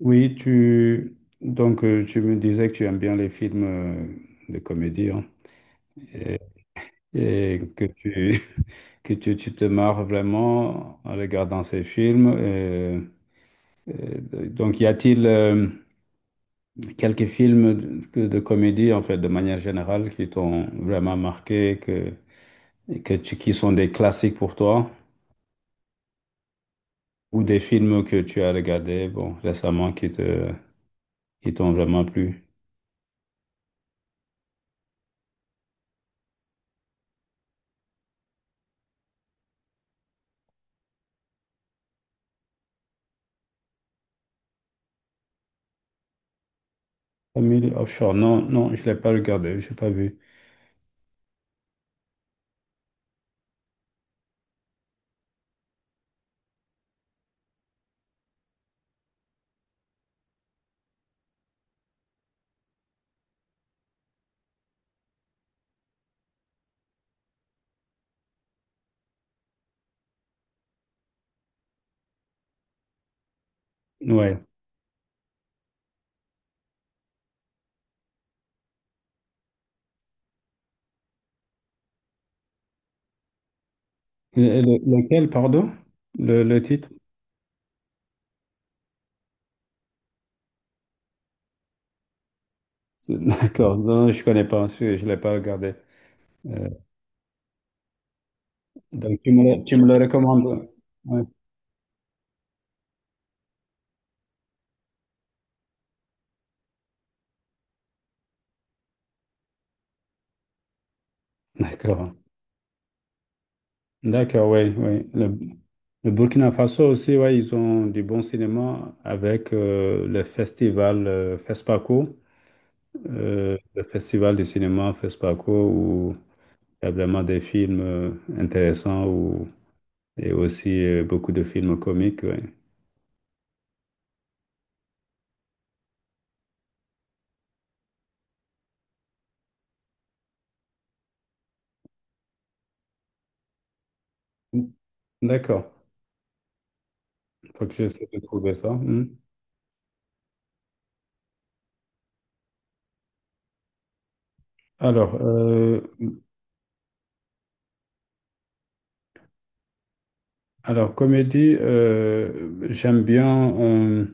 Oui, tu donc tu me disais que tu aimes bien les films de comédie hein, et, et que tu que tu te marres vraiment en regardant ces films. Donc y a-t-il quelques films de comédie en fait de manière générale qui t'ont vraiment marqué que et que tu, qui sont des classiques pour toi, ou des films que tu as regardés bon récemment qui t'ont vraiment plu? Family Offshore, non, non, je l'ai pas regardé, je n'ai pas vu. Ouais. Lequel, pardon? Le titre? D'accord. Non, je connais pas. Je ne l'ai pas regardé. Euh, donc, tu me le recommandes? Ouais. D'accord. D'accord, oui, oui. Le Burkina Faso aussi, ouais, ils ont du bon cinéma avec le festival FESPACO, le festival du cinéma FESPACO, où il y a vraiment des films intéressants, et aussi beaucoup de films comiques, ouais. D'accord. Faut que j'essaie de trouver ça. Hmm. Alors, euh, alors comédie, j'aime bien, euh,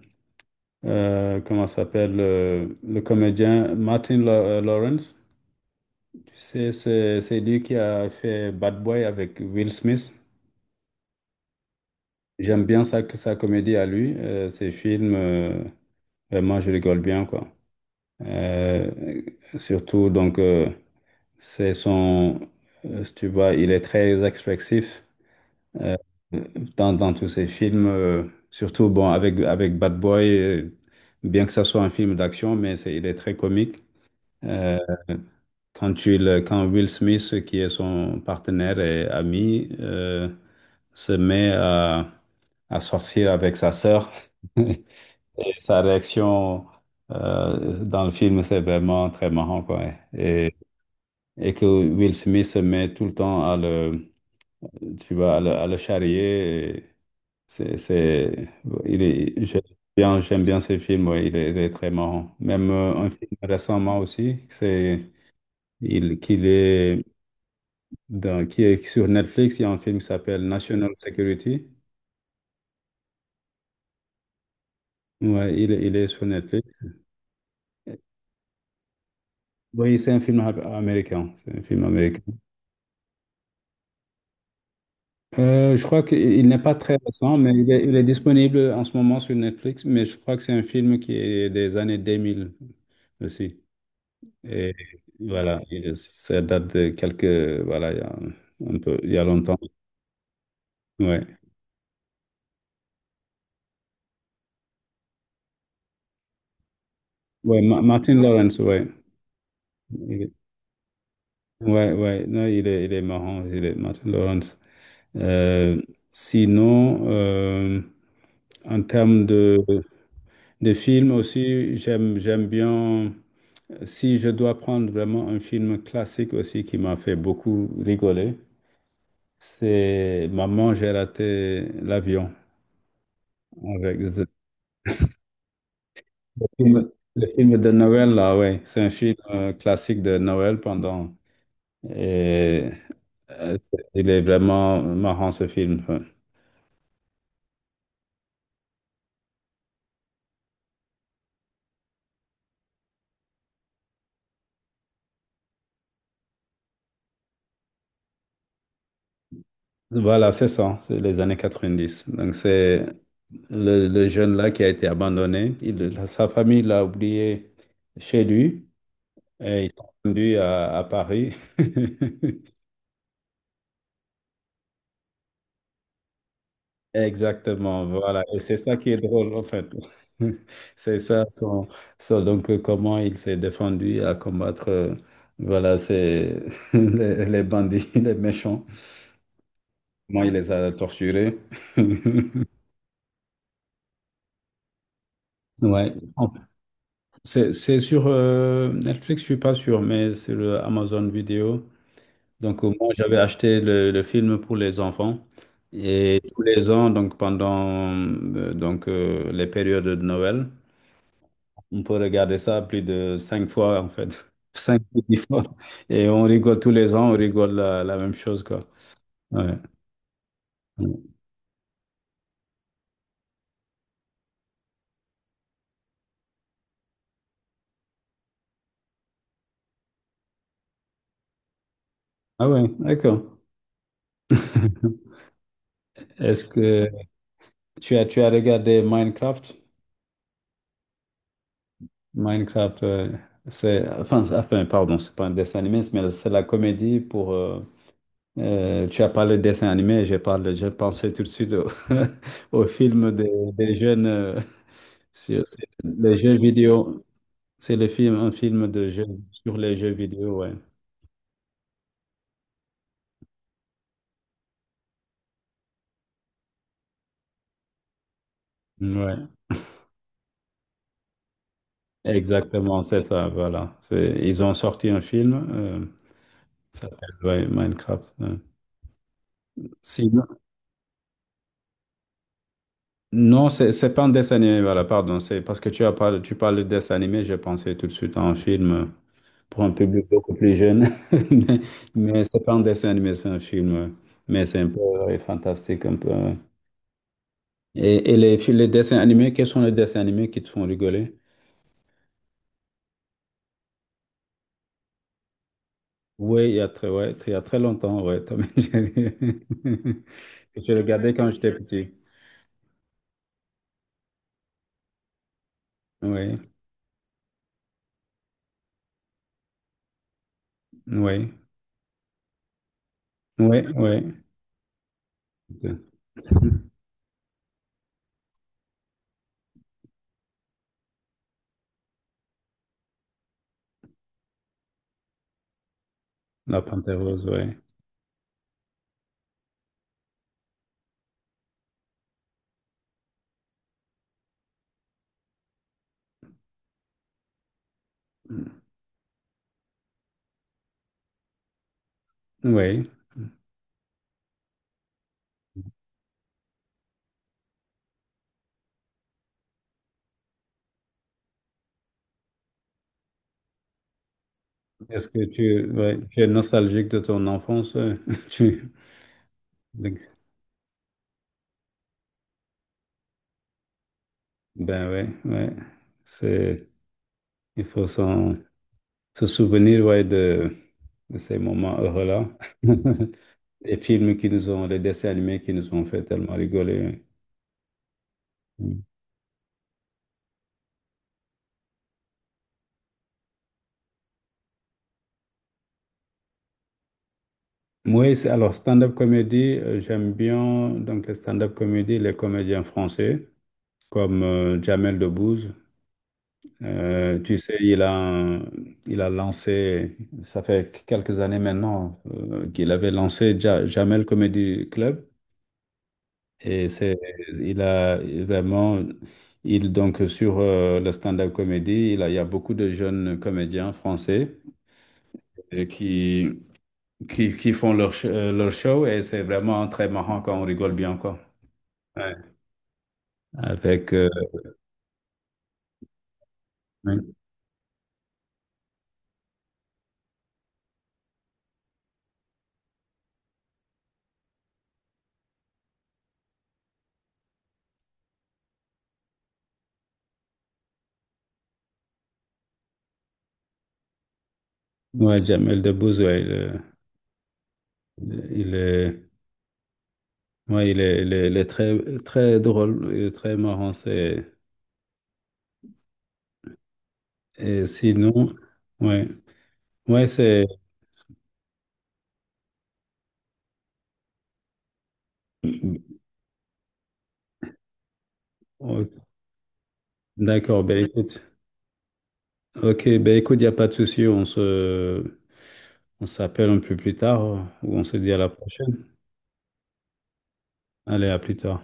euh, comment ça s'appelle, le comédien Martin Lawrence. Tu sais, c'est lui qui a fait Bad Boy avec Will Smith. J'aime bien sa comédie à lui, ses films, vraiment, je rigole bien, quoi. Euh, Surtout, donc, c'est son, si tu vois, il est très expressif. euh, Dans, tous ces films, surtout bon, avec Bad Boy, bien que ça soit un film d'action, mais il est très comique. Euh, quand Will Smith, qui est son partenaire et ami, se met à sortir avec sa sœur, et sa réaction dans le film, c'est vraiment très marrant, quoi. Et, et que Will Smith se met tout le temps à le, tu vois, à le charrier. C'est, il est, j'aime bien, J'aime bien ce film, ouais, il est très marrant. Même un film récemment aussi, c'est, il, qu'il est dans, qui est sur Netflix. Il y a un film qui s'appelle National Security. Ouais, il est sur Netflix. Oui, c'est un film américain. C'est un film américain. Je crois qu'il n'est pas très récent, mais il est disponible en ce moment sur Netflix, mais je crois que c'est un film qui est des années 2000 aussi. Et voilà, et ça date de voilà, il y a longtemps. Ouais. Ouais, Martin Lawrence, ouais. Il est- ouais, ouais, non, il est marrant, il est Martin Lawrence. Euh, Sinon, en termes de films aussi, si je dois prendre vraiment un film classique aussi qui m'a fait beaucoup rigoler, c'est Maman, j'ai raté l'avion avec. Le film de Noël, là, ouais, c'est un film classique de Noël pendant. Et il est vraiment marrant ce film, ouais. Voilà, c'est ça, c'est les années 90. Donc c'est le jeune là qui a été abandonné. Sa famille l'a oublié chez lui et il est rendu à Paris. Exactement, voilà. Et c'est ça qui est drôle, en fait. C'est ça, donc, comment il s'est défendu à combattre, voilà, c'est les bandits, les méchants. Moi, il les a torturés. Ouais. C'est sur Netflix, je suis pas sûr, mais c'est le Amazon Vidéo. Donc, moi, j'avais acheté le film pour les enfants. Et tous les ans, donc, pendant donc, les périodes de Noël, on peut regarder ça plus de cinq fois, en fait. 5 ou 10 fois. Et on rigole tous les ans, on rigole la même chose, quoi. Ouais. Ah ouais, d'accord. Est-ce que tu as regardé Minecraft? Minecraft, Enfin, enfin, pardon, c'est pas un dessin animé, mais c'est la comédie pour. Tu as parlé de dessin animé, j'ai pensé tout de suite au film des jeunes, sur- les jeux vidéo. C'est un film de jeu, sur les jeux vidéo, ouais. Ouais, exactement, c'est ça, voilà. Ils ont sorti un film, ça s'appelle ouais, Minecraft, ouais. Sinon- non, c'est pas un dessin animé, voilà, pardon. C'est parce que tu parles de dessin animé, j'ai pensé tout de suite à un film pour un public beaucoup plus jeune. Mais, mais, c'est pas un dessin animé, c'est un film, ouais. Mais c'est un peu ouais, fantastique, un peu, ouais. Et les, les dessins animés, quels sont les dessins animés qui te font rigoler? Oui, il y a très, ouais, il y a très longtemps, ouais. Tom et Jerry. Je C'est vrai, regardais quand j'étais petit. Oui, oui, oui, oui. La Panthère Rose, oui. Oui. Est-ce que ouais, tu es nostalgique de ton enfance? Tu, ben ouais, ouais. C'est, il faut se souvenir, ouais, de ces moments heureux-là. Les dessins animés qui nous ont fait tellement rigoler. Oui, alors stand-up comédie, j'aime bien donc les stand-up comédies, les comédiens français comme Jamel Debbouze. Tu sais, il a lancé, ça fait quelques années maintenant qu'il avait lancé Jamel Comedy Club, et c'est, il a vraiment, il donc sur le stand-up comédie, il y a beaucoup de jeunes comédiens français et qui font leur show, et c'est vraiment très marrant, quand on rigole bien, quoi. Ouais. avec Ouais, Jamel Debbouze, ouais. Il est- ouais, il est très, très drôle, il est très marrant. Et sinon, ouais, ouais, c'est. Ok, d'accord, ben écoute. Ok, ben écoute, il n'y a pas de souci. On s'appelle un peu plus tard, ou on se dit à la prochaine. Allez, à plus tard.